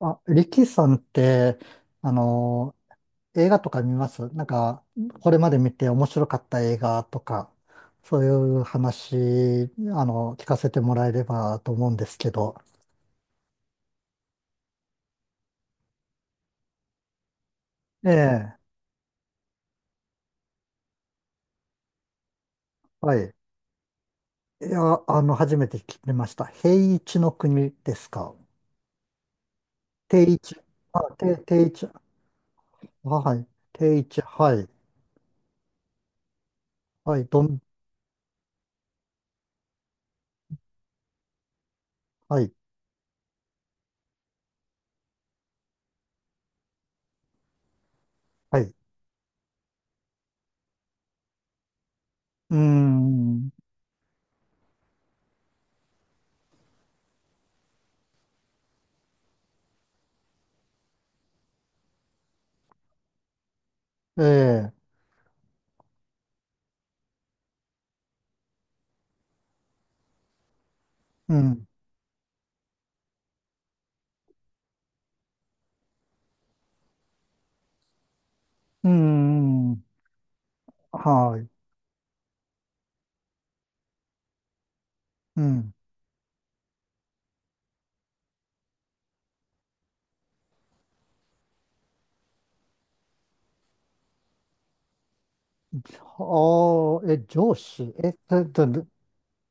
あ、リキさんって、あの映画とか見ますなんか、これまで見て面白かった映画とか、そういう話、聞かせてもらえればと思うんですけど。ええ。はい。いや、初めて聞きました。平一の国ですか？定一。あ、定、定一。あ、はい。定一。はい。はい。どん、はい。はい。うーん。ええ、うん。うーん。はい。うん。ああ、え、上司、え、たた、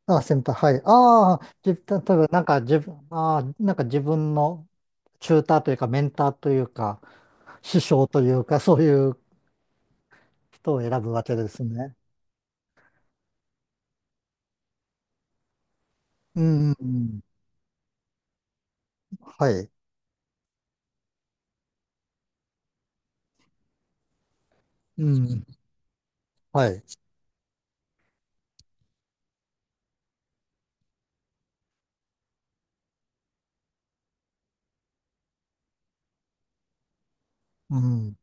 あ、先輩、はい。ああ、じ、た、多分なんか自分、ああ、なんか自分のチューターというか、メンターというか、師匠というか、そういう人を選ぶわけですね。うん、うん、はい。うん、はい。うん。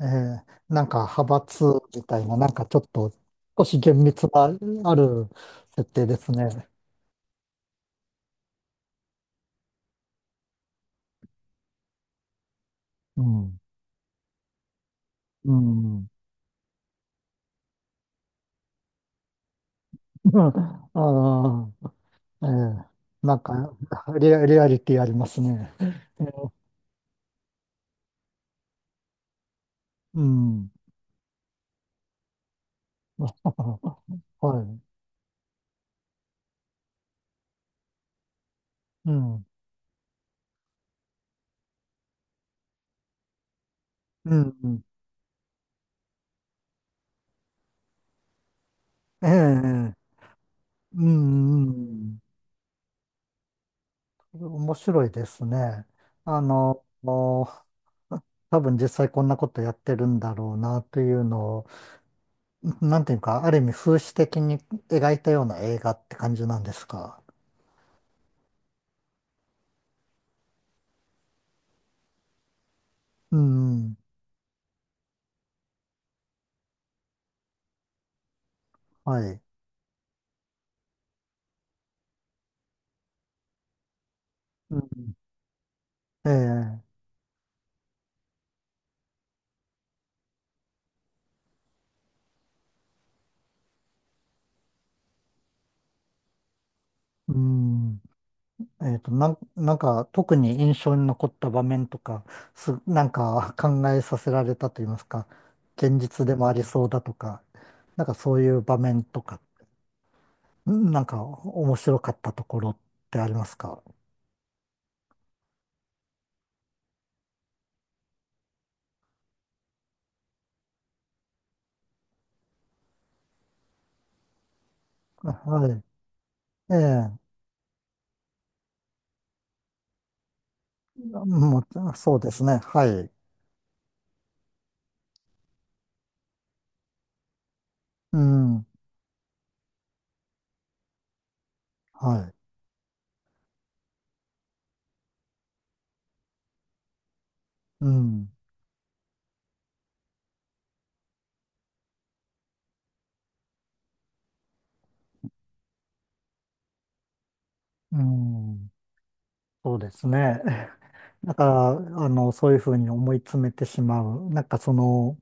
えー、なんか派閥みたいな、なんかちょっと、少し厳密な、ある設定ですね。うん、うん。ああ。ええ、なんか、リア、リアリティありますね。うん。はい。うん。うん。ええ、うん。うん、面白いですね。もう多分実際こんなことやってるんだろうなというのを、なんていうか、ある意味風刺的に描いたような映画って感じなんですか？うん。はい。うん、ええ、うん。なん、なんか特に印象に残った場面とか、す、なんか 考えさせられたと言いますか、現実でもありそうだとか、なんかそういう場面とか、ん、なんか面白かったところってありますか？はい。ええ、もう、そうですね。はい。うん。はい。うん。うん。そうですね。なんから、そういうふうに思い詰めてしまう。なんかその、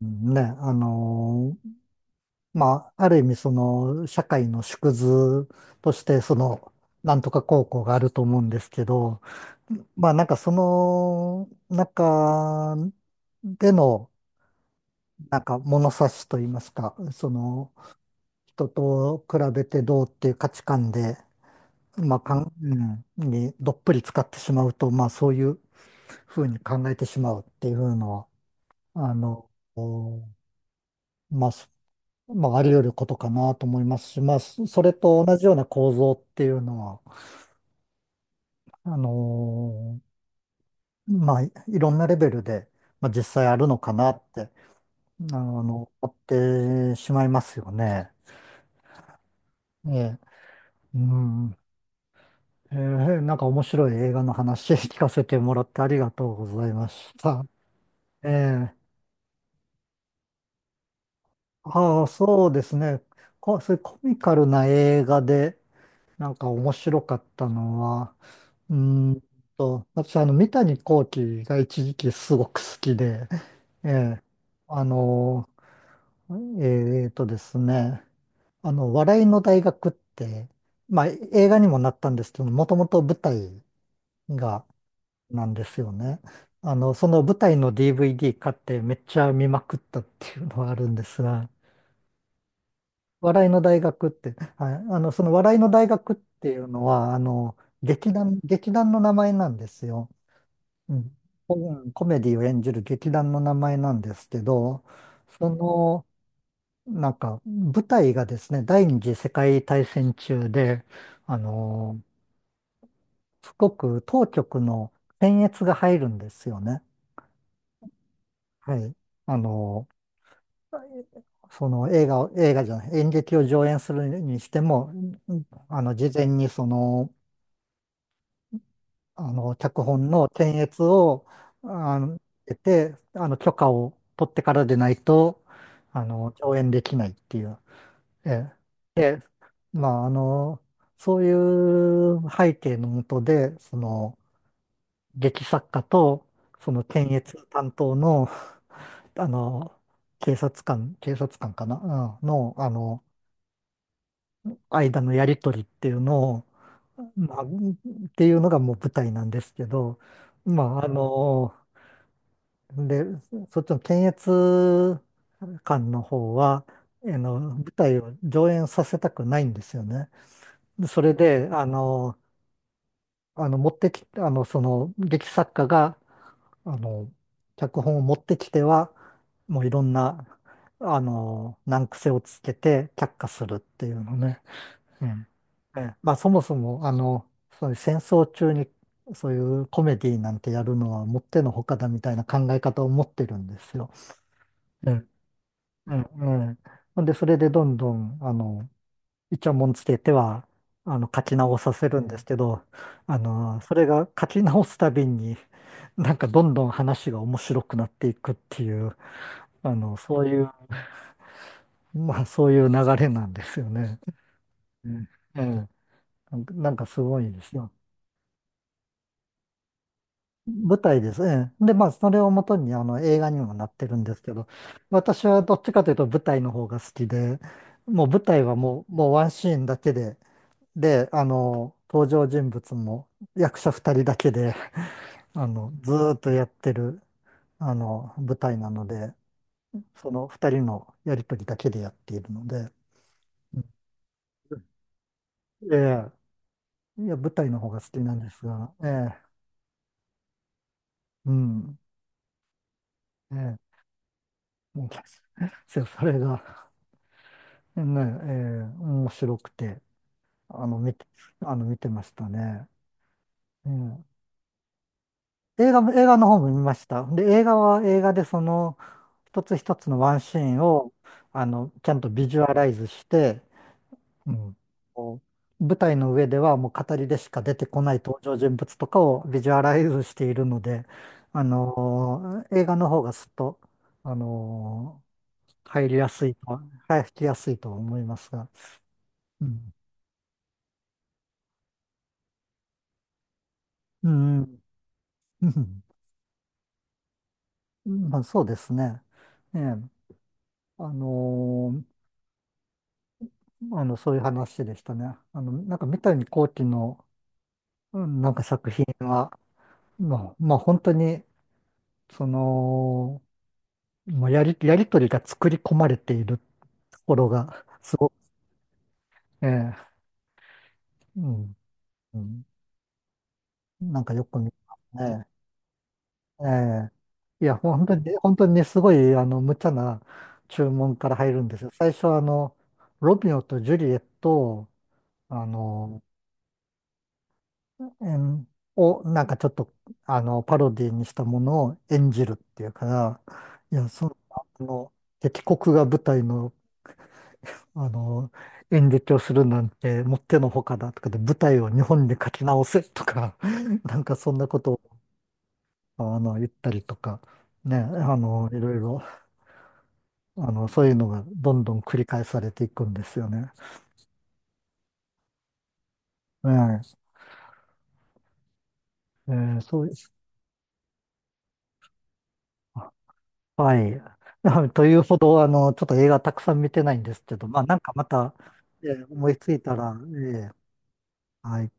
ね、あの、まあ、ある意味、その、社会の縮図として、その、なんとか高校があると思うんですけど、まあ、なんかその中での、なんか物差しといいますか、その、人と比べてどうっていう価値観で、まあ、かん、うん、にどっぷり使ってしまうと、まあ、そういうふうに考えてしまうっていうのは、あの、まあ、まあ、あり得ることかなと思いますし、まあ、そ、それと同じような構造っていうのは、あのまあ、い、いろんなレベルで、まあ、実際あるのかなって、あの、思ってしまいますよね。ええ、うん。ええ、なんか面白い映画の話 聞かせてもらってありがとうございました。ええ、ああ、そうですね。こ、そういうコミカルな映画で、なんか面白かったのは、うーん。と、私、三谷幸喜が一時期すごく好きで、ええ、あの、えーとですね、あの、笑いの大学って、まあ、映画にもなったんですけど、もともと舞台が、なんですよね。その舞台の DVD 買ってめっちゃ見まくったっていうのはあるんですが、笑いの大学って、はい、その笑いの大学っていうのは、劇団の名前なんですよ。うん。コ、うん、コメディを演じる劇団の名前なんですけど、その、なんか、舞台がですね、第二次世界大戦中で、あの、すごく当局の検閲が入るんですよね。はい。あの、その映画を、映画じゃない、演劇を上演するにしても、うん、あの、事前にその、脚本の検閲を、あの、得て、許可を取ってからでないと、上演できないっていう。ええ、で、まあ、そういう背景のもとで、その、劇作家と、その検閲担当の、あの、警察官かな、うん、の、間のやりとりっていうのを、まあ、っていうのがもう舞台なんですけど、まあ、で、そっちの検閲官の方は、舞台を上演させたくないんですよね。でそれで、持ってき、その、劇作家が、あの、脚本を持ってきては、もういろんな、難癖をつけて却下するっていうのね。うん、ええ、まあ、そもそも、そういう戦争中に、そういうコメディなんてやるのはもってのほかだみたいな考え方を持ってるんですよ。うん、うん。ほんで、それでどんどん、イチャモンつけては、書き直させるんですけど、それが書き直すたびに、なんかどんどん話が面白くなっていくっていう、そういう、まあ、そういう流れなんですよね。うん、ええ、なんか、なんかすごいですよ。舞台です。ええ、で、まあ、それをもとに、映画にもなってるんですけど、私はどっちかというと舞台の方が好きで、もう舞台はもう、もうワンシーンだけで、で、登場人物も役者二人だけで、ずーっとやってる、舞台なので、その二人のやりとりだけでやっているので、うん、ええ、いや、舞台の方が好きなんですが、ええ、うん、ええ、もう、そう、それが、ね、ええ、面白くて、あの、見て、見てましたね。ええ、映画も、映画の方も見ました。で、映画は映画で、その、一つ一つのワンシーンを、ちゃんとビジュアライズして、うん、こう舞台の上ではもう語りでしか出てこない登場人物とかをビジュアライズしているので、映画の方がすっと、あのー入りやすいとは、入りやすいとは思いますが。うん。うん。うん、うん、まあ、そうですね。ええ。あのーそういう話でしたね。なんか三谷幸喜の、うん、なんか作品は、まあ、まあ本当に、その、まあ、やり、やりとりが作り込まれているところが、すごく、ええ、うん、うん、なんかよく見ますね。ええ、いや、本当にね、本当にね、すごい、無茶な注文から入るんですよ。最初は、ロミオとジュリエット、あの、演を、なんかちょっと、パロディにしたものを演じるっていうから、いや、その、敵国が舞台のあの、演劇をするなんてもってのほかだとかで、舞台を日本で書き直せとか、なんかそんなことを言ったりとか、ね、いろいろ、そういうのがどんどん繰り返されていくんですよね。ええ、ええ、そうです。あ、はい。というほど、ちょっと映画たくさん見てないんですけど、まあ、なんかまた、ええ、思いついたら、ええ、はい。